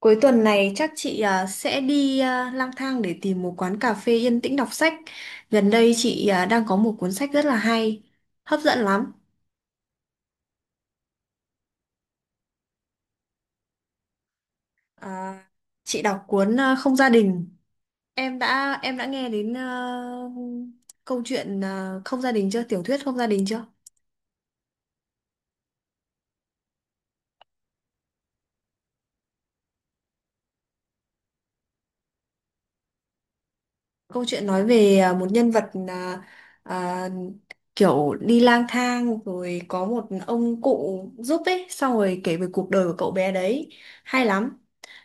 Cuối tuần này chắc chị sẽ đi lang thang để tìm một quán cà phê yên tĩnh đọc sách. Gần đây chị đang có một cuốn sách rất là hay, hấp dẫn lắm. À, chị đọc cuốn Không gia đình. Em đã nghe đến câu chuyện Không gia đình chưa? Tiểu thuyết Không gia đình chưa? Câu chuyện nói về một nhân vật à, kiểu đi lang thang rồi có một ông cụ giúp ấy, xong rồi kể về cuộc đời của cậu bé đấy. Hay lắm.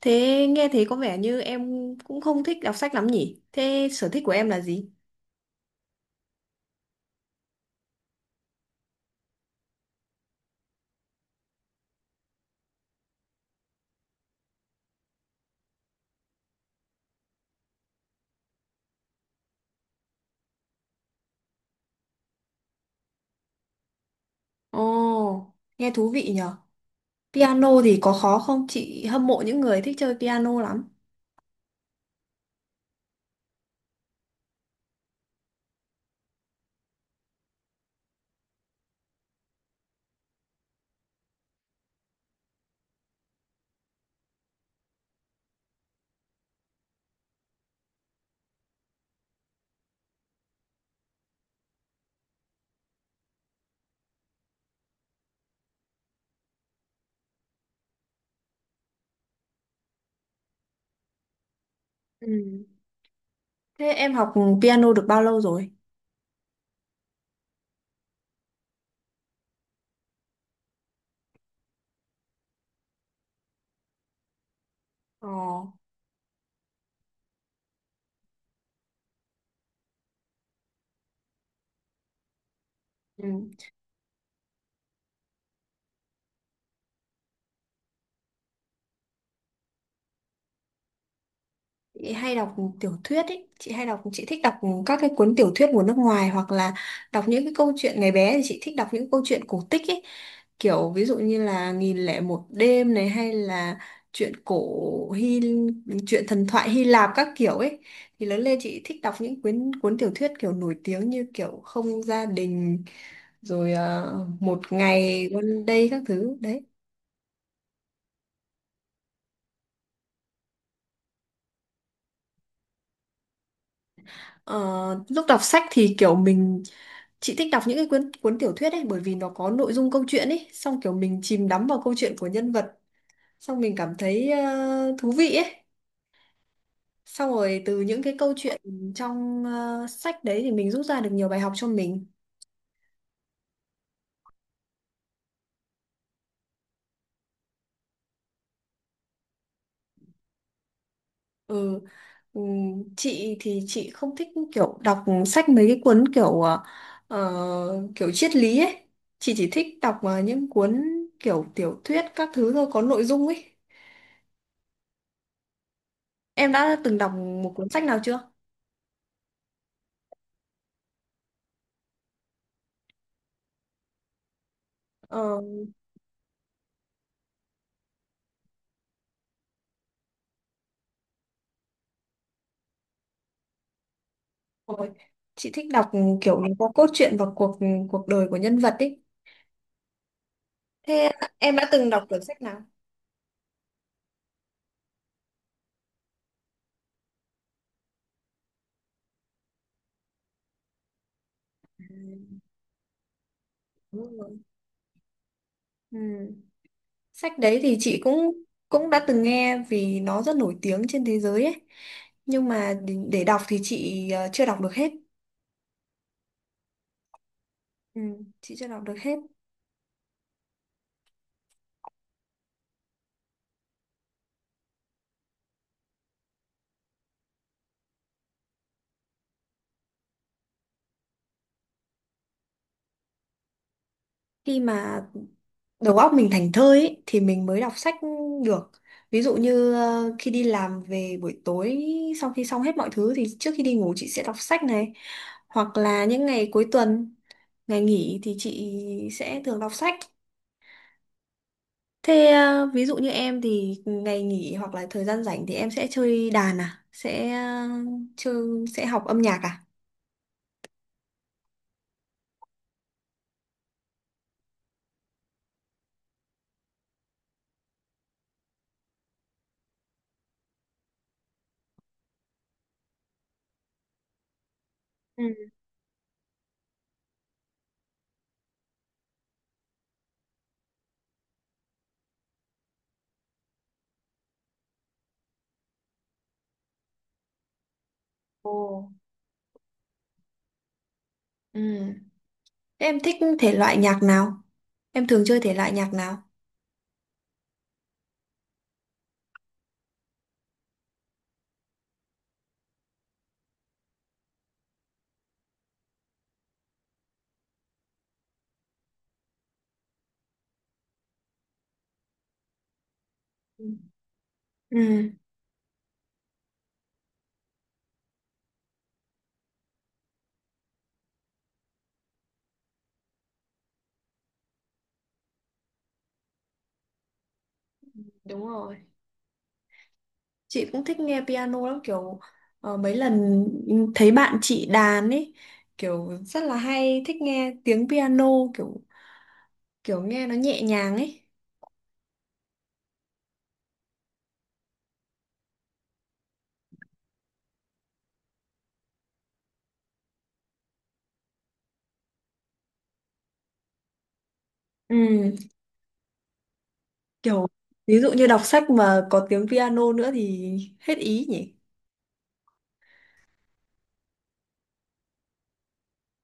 Thế nghe thế có vẻ như em cũng không thích đọc sách lắm nhỉ? Thế sở thích của em là gì? Ồ, nghe thú vị nhở. Piano thì có khó không? Chị hâm mộ những người thích chơi piano lắm. Ừ. Thế em học piano được bao lâu rồi? Ồ, ừ. Chị hay đọc tiểu thuyết ấy, chị thích đọc các cái cuốn tiểu thuyết của nước ngoài hoặc là đọc những cái câu chuyện ngày bé thì chị thích đọc những câu chuyện cổ tích ấy, kiểu ví dụ như là nghìn lẻ một đêm này hay là chuyện cổ Hy chuyện thần thoại Hy Lạp các kiểu ấy. Thì lớn lên chị thích đọc những cuốn cuốn tiểu thuyết kiểu nổi tiếng như kiểu Không gia đình rồi một ngày One Day các thứ đấy. Ờ, Lúc đọc sách thì kiểu mình chị thích đọc những cái cuốn cuốn tiểu thuyết ấy bởi vì nó có nội dung câu chuyện ấy, xong kiểu mình chìm đắm vào câu chuyện của nhân vật, xong mình cảm thấy thú vị ấy, xong rồi từ những cái câu chuyện trong sách đấy thì mình rút ra được nhiều bài học cho mình. ừ chị thì chị không thích kiểu đọc sách mấy cái cuốn kiểu kiểu triết lý ấy, chị chỉ thích đọc những cuốn kiểu tiểu thuyết các thứ thôi có nội dung ấy. Em đã từng đọc một cuốn sách nào chưa? Ờ. Ôi, chị thích đọc kiểu nó có cốt truyện và cuộc cuộc đời của nhân vật ấy. Thế em đã từng đọc cuốn sách nào? À, đúng rồi. Ừ. Sách đấy thì chị cũng cũng đã từng nghe vì nó rất nổi tiếng trên thế giới ấy. Nhưng mà để đọc thì chị chưa đọc được hết. Ừ, chị chưa đọc được hết. Khi mà đầu óc mình thảnh thơi ấy, thì mình mới đọc sách được. Ví dụ như khi đi làm về buổi tối, sau khi xong hết mọi thứ thì trước khi đi ngủ chị sẽ đọc sách này, hoặc là những ngày cuối tuần, ngày nghỉ thì chị sẽ thường đọc sách. Thế ví dụ như em thì ngày nghỉ hoặc là thời gian rảnh thì em sẽ chơi đàn à, sẽ chơi, sẽ học âm nhạc à? Ừ. Ồ. Ừ. Thế em thích thể loại nhạc nào, em thường chơi thể loại nhạc nào? Ừ. Ừ. Đúng rồi. Chị cũng thích nghe piano lắm, kiểu mấy lần thấy bạn chị đàn ấy, kiểu rất là hay, thích nghe tiếng piano, kiểu kiểu nghe nó nhẹ nhàng ấy. Ừ, kiểu ví dụ như đọc sách mà có tiếng piano nữa thì hết ý nhỉ.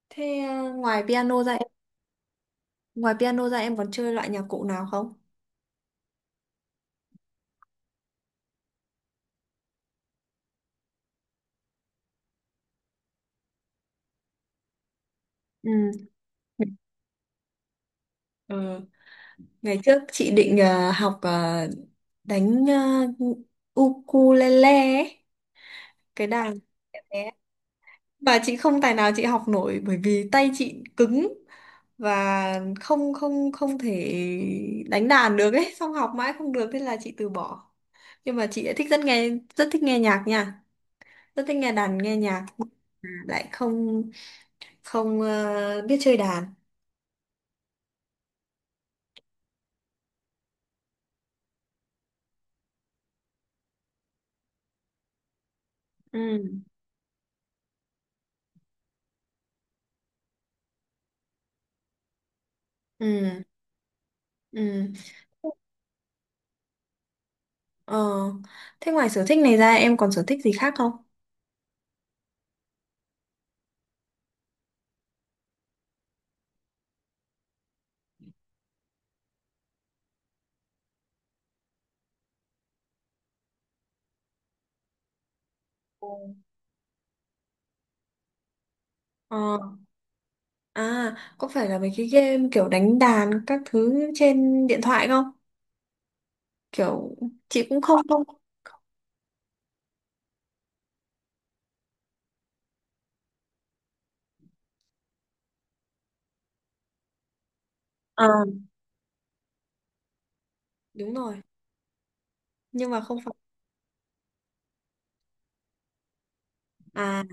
Thế ngoài piano ra em, ngoài piano ra em còn chơi loại nhạc cụ nào không? Ừ. Ờ, ngày trước chị định học đánh ukulele ấy, cái đàn bé mà chị không tài nào chị học nổi, bởi vì tay chị cứng và không không không thể đánh đàn được ấy, xong học mãi không được, thế là chị từ bỏ. Nhưng mà chị lại thích rất nghe, rất thích nghe nhạc nha, rất thích nghe đàn nghe nhạc. Mà lại không không ờ, biết chơi đàn. Ừ. Ừ. Ừ. Ờ, thế ngoài sở thích này ra em còn sở thích gì khác không? Ờ, à có phải là mấy cái game kiểu đánh đàn các thứ trên điện thoại không, kiểu chị cũng không không. Ờ, đúng rồi, nhưng mà không phải. À.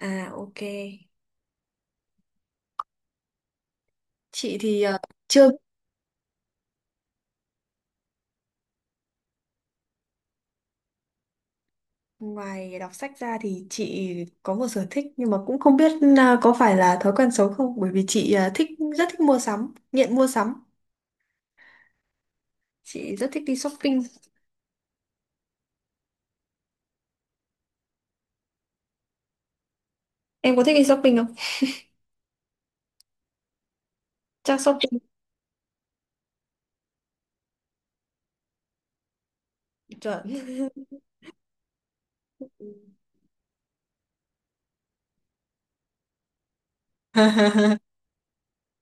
À, ok. Chị thì chưa, ngoài đọc sách ra thì chị có một sở thích, nhưng mà cũng không biết có phải là thói quen xấu không, bởi vì chị thích, rất thích mua sắm, nghiện mua sắm, chị rất thích đi shopping. Em có thích đi shopping không? Chắc shopping chuẩn.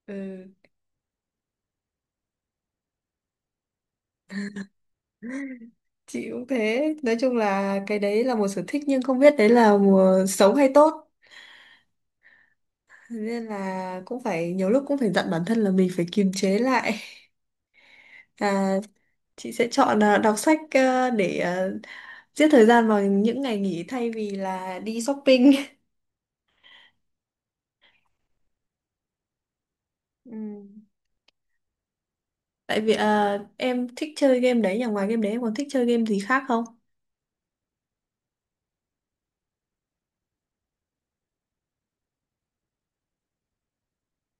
Ừ. Chị cũng thế, nói chung là cái đấy là một sở thích, nhưng không biết đấy là một xấu hay tốt. Thế nên là cũng phải, nhiều lúc cũng phải dặn bản thân là mình phải kiềm chế lại. à, chị sẽ chọn đọc sách để giết thời gian vào những ngày nghỉ thay vì là đi shopping. Ừ. Tại vì em thích chơi game đấy nhà, ngoài game đấy em còn thích chơi game gì khác không?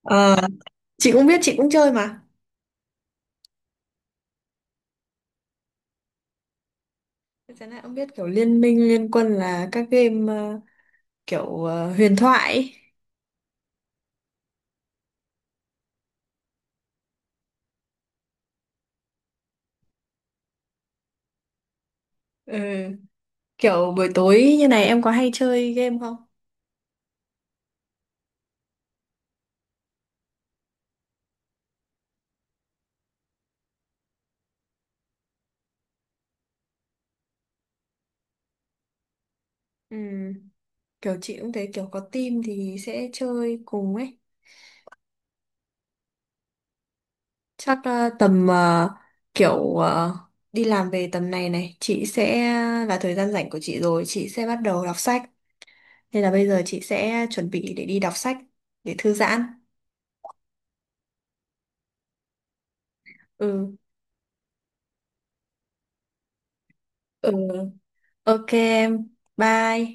Ờ, chị cũng biết, chị cũng chơi mà. Chắc chắn là em biết kiểu liên minh liên quân là các game kiểu huyền thoại ấy. Ừ. Kiểu buổi tối như này em có hay chơi game không? Ừ, kiểu chị cũng thấy kiểu có team thì sẽ chơi cùng ấy. Chắc ờ, tầm ờ, kiểu ờ, đi làm về tầm này này chị sẽ là thời gian rảnh của chị rồi, chị sẽ bắt đầu đọc sách, nên là bây giờ chị sẽ chuẩn bị để đi đọc sách để thư giãn. Ừ. Ừ, ok em, bye